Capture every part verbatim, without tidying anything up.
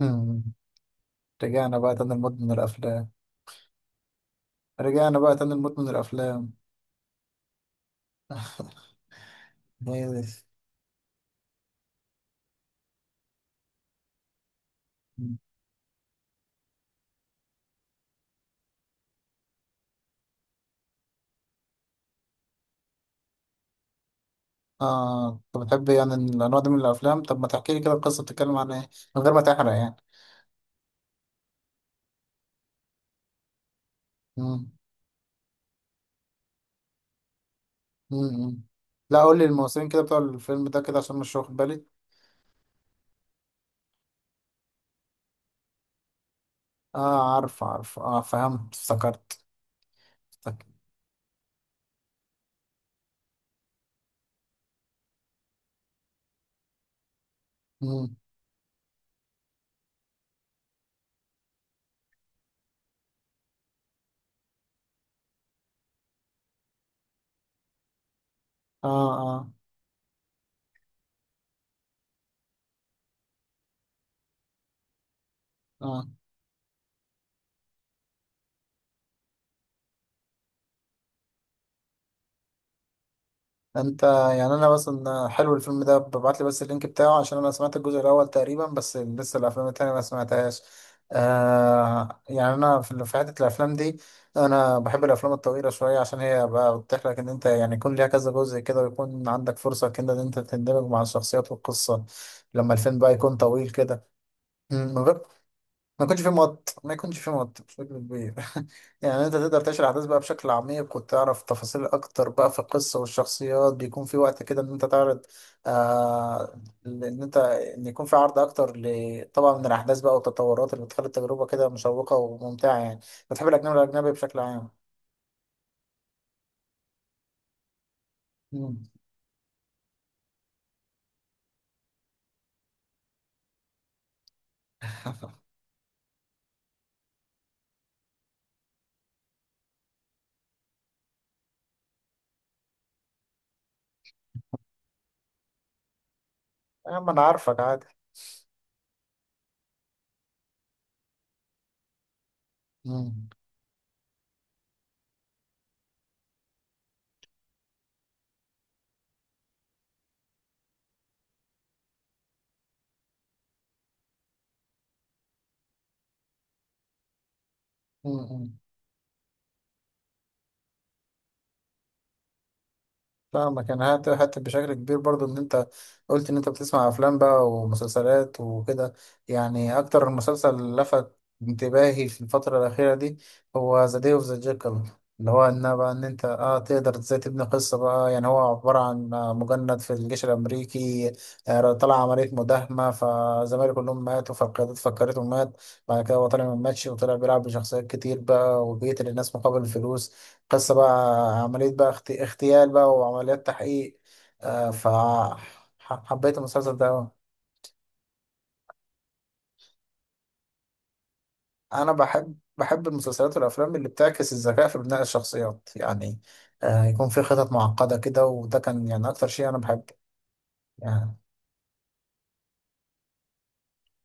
مم. رجعنا بقى تاني لمدمن الأفلام. رجعنا بقى تاني لمدمن الأفلام. جامد. آه، أنت بتحب يعني الأنواع دي من الأفلام؟ طب ما تحكي لي كده القصة بتتكلم عن إيه، من غير ما تحرق يعني. مم. مم. لا، قول لي الممثلين كده بتوع الفيلم ده كده عشان مش واخد بالي. آه عارف عارف، آه فهمت افتكرت. افتكرت. مم. آه آه آه. انت يعني انا مثلا، حلو الفيلم ده، ببعت لي بس اللينك بتاعه، عشان انا سمعت الجزء الاول تقريبا، بس لسه الافلام التانية ما سمعتهاش. آه، يعني انا في في حته الافلام دي، انا بحب الافلام الطويله شويه، عشان هي بقى بتتيح لك ان انت يعني يكون ليها كذا جزء كده، ويكون عندك فرصه كده ان انت تندمج مع الشخصيات والقصه، لما الفيلم بقى يكون طويل كده. مم، ما يكونش فيه مط ما يكونش فيه مط بشكل كبير. يعني انت تقدر تعيش الاحداث بقى بشكل عميق، وتعرف تفاصيل اكتر بقى في القصه والشخصيات، بيكون في وقت كده ان انت تعرض. آه، ان انت ان يكون في عرض اكتر ل- طبعا من الاحداث بقى والتطورات اللي بتخلي التجربه كده مشوقه وممتعه يعني. بتحب الاجنبي، الاجنبي بشكل عام؟ مم. يا عم انا عارفك عادي. مم. مم. فاهمك. انا هت- حتى بشكل كبير برضو ان انت قلت ان انت بتسمع افلام بقى ومسلسلات وكده، يعني اكتر مسلسل لفت انتباهي في الفترة الاخيرة دي هو ذا داي اوف ذا جيكل، اللي هو ان بقى ان انت اه تقدر ازاي تبني قصة بقى. يعني هو عبارة عن آه، مجند في الجيش الامريكي. آه، طلع عملية مداهمة، فزمايله كلهم ماتوا، فالقيادات فكرته مات. بعد كده هو طلع ما ماتش، وطلع بيلعب بشخصيات كتير بقى، وبيقتل الناس مقابل الفلوس. قصة بقى عملية بقى اخت- اغتيال بقى وعمليات تحقيق. آه، فحبيت المسلسل ده أوي. أنا بحب، بحب المسلسلات والأفلام اللي بتعكس الذكاء في بناء الشخصيات يعني. آه، يكون في خطط معقدة كده، وده كان يعني أكتر شيء أنا بحبه. يعني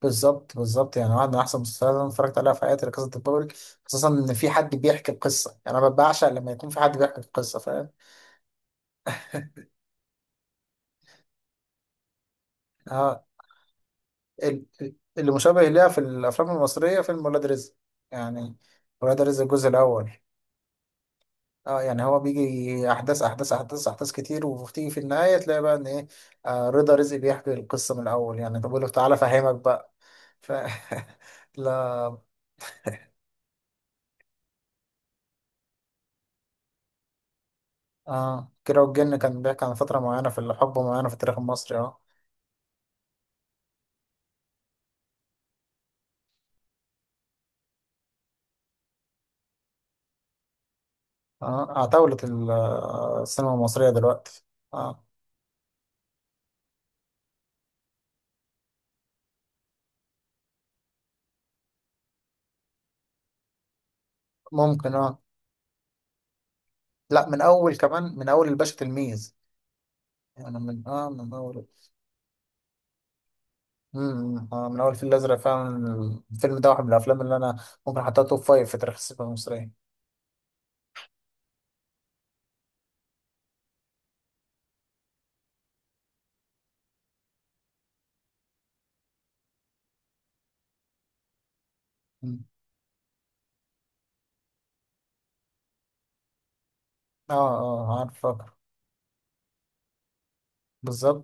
بالظبط بالظبط، يعني واحد من أحسن المسلسلات اللي أنا اتفرجت عليها في حياتي قصة البابل. خصوصا إن في حد بيحكي القصة، يعني أنا بعشق لما يكون في حد بيحكي القصة، فاهم؟ اه ال- اللي مشابه ليها في الافلام المصريه فيلم ولاد رزق، يعني ولاد رزق الجزء الاول. اه يعني هو بيجي احداث احداث احداث احداث كتير، وبتيجي في النهايه تلاقي بقى ان ايه. آه، رضا رزق بيحكي القصه من الاول، يعني طب بيقول له تعالى افهمك بقى. ف... لا. اه كيرة والجن كان بيحكي عن فتره معينه في الحقبه معينه في التاريخ المصري اه. اه اعتولت ال- آه، السينما المصريه دلوقتي. اه ممكن اه. لا، من اول، كمان من اول الباشا تلميذ. يعني من اه من اول. امم آه، من اول الفيل الازرق، فعلا الفيلم ده واحد من الافلام اللي انا ممكن احطها توب فايف في تاريخ السينما المصريه. مم. اه اه عارف فاكر. بالظبط.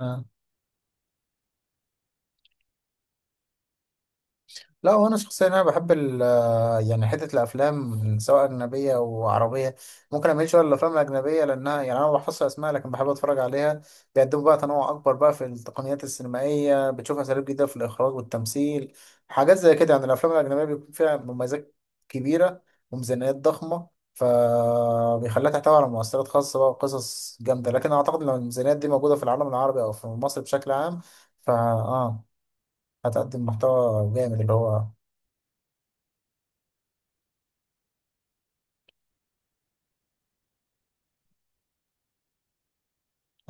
آه. لا وانا شخصيا انا بحب، يعني حتة الأفلام سواء أجنبية أو عربية، ممكن أميل شوية للأفلام الأجنبية، لأنها يعني أنا ما بحفظش أسماء، لكن بحب أتفرج عليها. بيقدموا بقى تنوع أكبر بقى في التقنيات السينمائية، بتشوف أساليب جديدة في الإخراج والتمثيل، حاجات زي كده. يعني الأفلام الأجنبية بيكون فيها مميزات كبيرة وميزانيات ضخمة، فبيخليها تحتوي على مؤثرات خاصة بقى وقصص جامدة، لكن أعتقد لو الميزانيات دي موجودة في العالم العربي أو في مصر بشكل عام، فا آه هتقدم محتوى جامد اللي هو.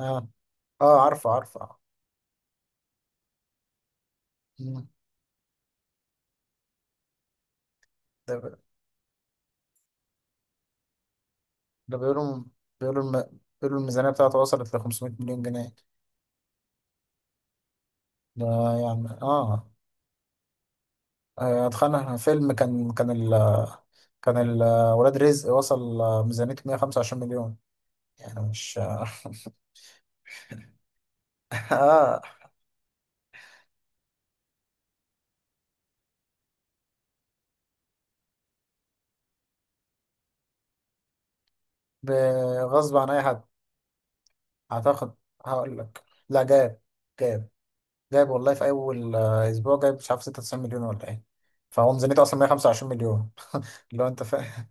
آه، آه عارفه عارفه. ده ده بيقولوا بيقولوا الم... بيقولوا الميزانية بتاعته وصلت ل خمسمية مليون جنيه. ده يعني اه. آه، اتخانق فيلم. كان كان ال كان ال ولاد رزق وصل آه، ميزانيته مائة وخمسة وعشرين مليون، يعني مش اه. آه، بغصب عن اي حد. اعتقد، هقول لك، لا جاب جاب. جاب والله في اول آه، اسبوع، جاب مش عارف ستة وتسعون مليون ولا ايه، فهو ميزانيته اصلا مية وخمسة وعشرين مليون لو انت فاهم.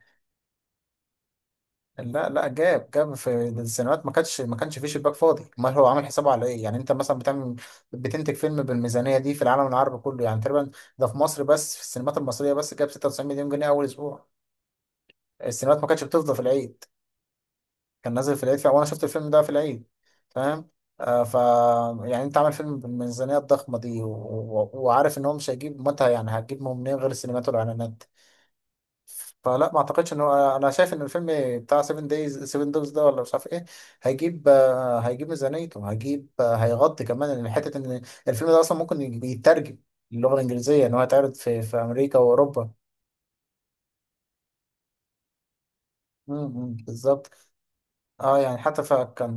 لا لا، جاب جاب في السينمات. ما كانش ما كانش فيه شباك فاضي. امال هو عامل حسابه على ايه؟ يعني انت مثلا بتعمل، بتنتج فيلم بالميزانيه دي في العالم العربي كله يعني تقريبا. ده في مصر بس، في السينمات المصريه بس جاب ستة وتسعين مليون جنيه اول اسبوع. السينمات ما كانتش بتفضى في العيد، كان نازل في العيد وانا شفت الفيلم ده في العيد، فاهم؟ آه ف يعني انت عامل فيلم بالميزانيه الضخمه دي، و... و... وعارف ان هو مش هيجيب متى، يعني هتجيب منين غير السينمات والاعلانات؟ فلا ما اعتقدش ان هو، انا شايف ان الفيلم بتاع سبعة دايز، سبعة دايز ده ولا مش عارف ايه، هيجيب آه، هيجيب ميزانيته، هيجيب آه، هيغطي كمان، إن حته ان الفيلم ده اصلا ممكن يترجم اللغه الانجليزيه، ان هو يتعرض في في امريكا واوروبا. امم بالظبط. اه يعني حتى فكان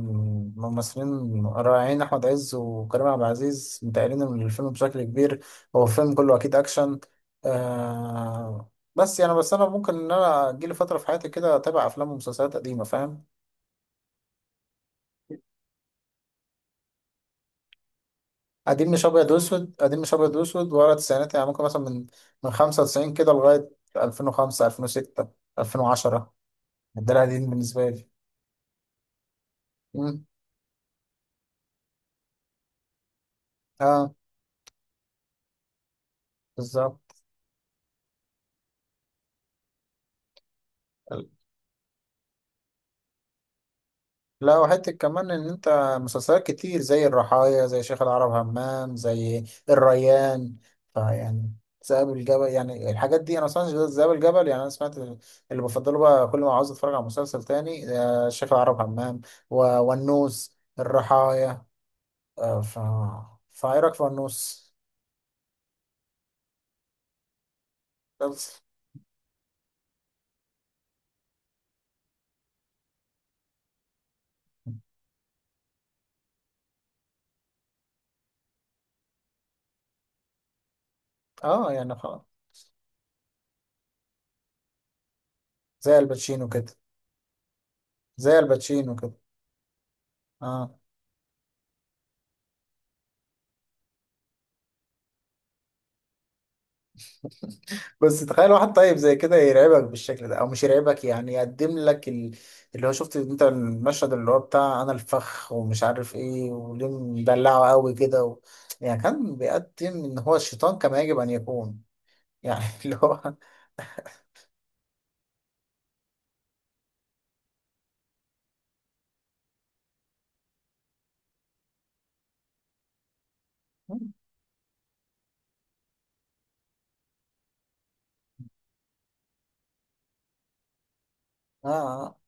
ممثلين رائعين، احمد عز وكريم عبد العزيز، متقالين من الفيلم بشكل كبير. هو فيلم كله اكيد اكشن. آه، بس يعني، بس انا ممكن ان انا اجيلي فتره في حياتي كده اتابع افلام ومسلسلات قديمه، فاهم؟ قديم مش ابيض واسود، قديم مش ابيض واسود ورا التسعينات، يعني ممكن مثلا من من خمسة وتسعين كده لغايه ألفين وخمسة ألفين وستة ألفين وعشرة، ده القديم بالنسبه لي. مم. اه بالظبط. لا وحته كمان ان انت، مسلسلات كتير زي الرحايا زي شيخ العرب همام زي الريان، فيعني ذئاب الجبل. يعني الحاجات دي انا اصلا، ذئاب الجبل، يعني انا سمعت اللي بفضله بقى كل ما عاوز اتفرج على مسلسل تاني آه، شيخ العرب همام و- والنوس الرحايا. آه ف فايه رايك في ونوس؟ خلص. اه يعني خلاص. زي الباتشينو كده. زي الباتشينو كده. اه بس تخيل واحد طيب زي كده يرعبك بالشكل ده، او مش يرعبك، يعني يقدم لك ال... اللي هو شفت انت المشهد اللي هو بتاع، انا الفخ ومش عارف ايه وليه مدلعه قوي كده و... يعني كان بيقدم ان هو الشيطان كما يجب ان يكون، يعني اللي هو اه. آه.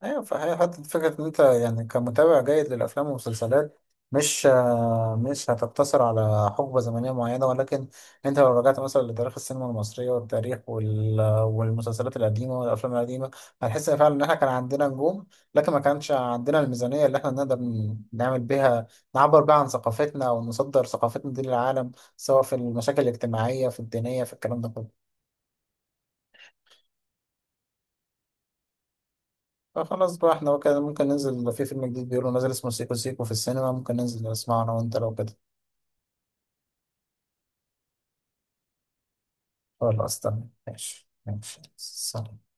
ايوه، فهي حتى فكره ان انت يعني كمتابع جيد للافلام والمسلسلات، مش آه، مش هتقتصر على حقبه زمنيه معينه، ولكن انت لو رجعت مثلا لتاريخ السينما المصريه، والتاريخ وال- والمسلسلات القديمه والافلام القديمه، هتحس إن فعلا ان احنا كان عندنا نجوم، لكن ما كانش عندنا الميزانيه اللي احنا نقدر ن- نعمل بيها، نعبر بيها عن ثقافتنا او نصدر ثقافتنا دي للعالم، سواء في المشاكل الاجتماعيه، في الدينيه، في الكلام ده كله. فخلاص بقى، احنا كده ممكن ننزل لو في فيلم جديد بيقولوا نازل اسمه سيكو سيكو في السينما، ممكن ننزل نسمعه انا وانت لو كده. خلاص تمام، ماشي ماشي، سلام.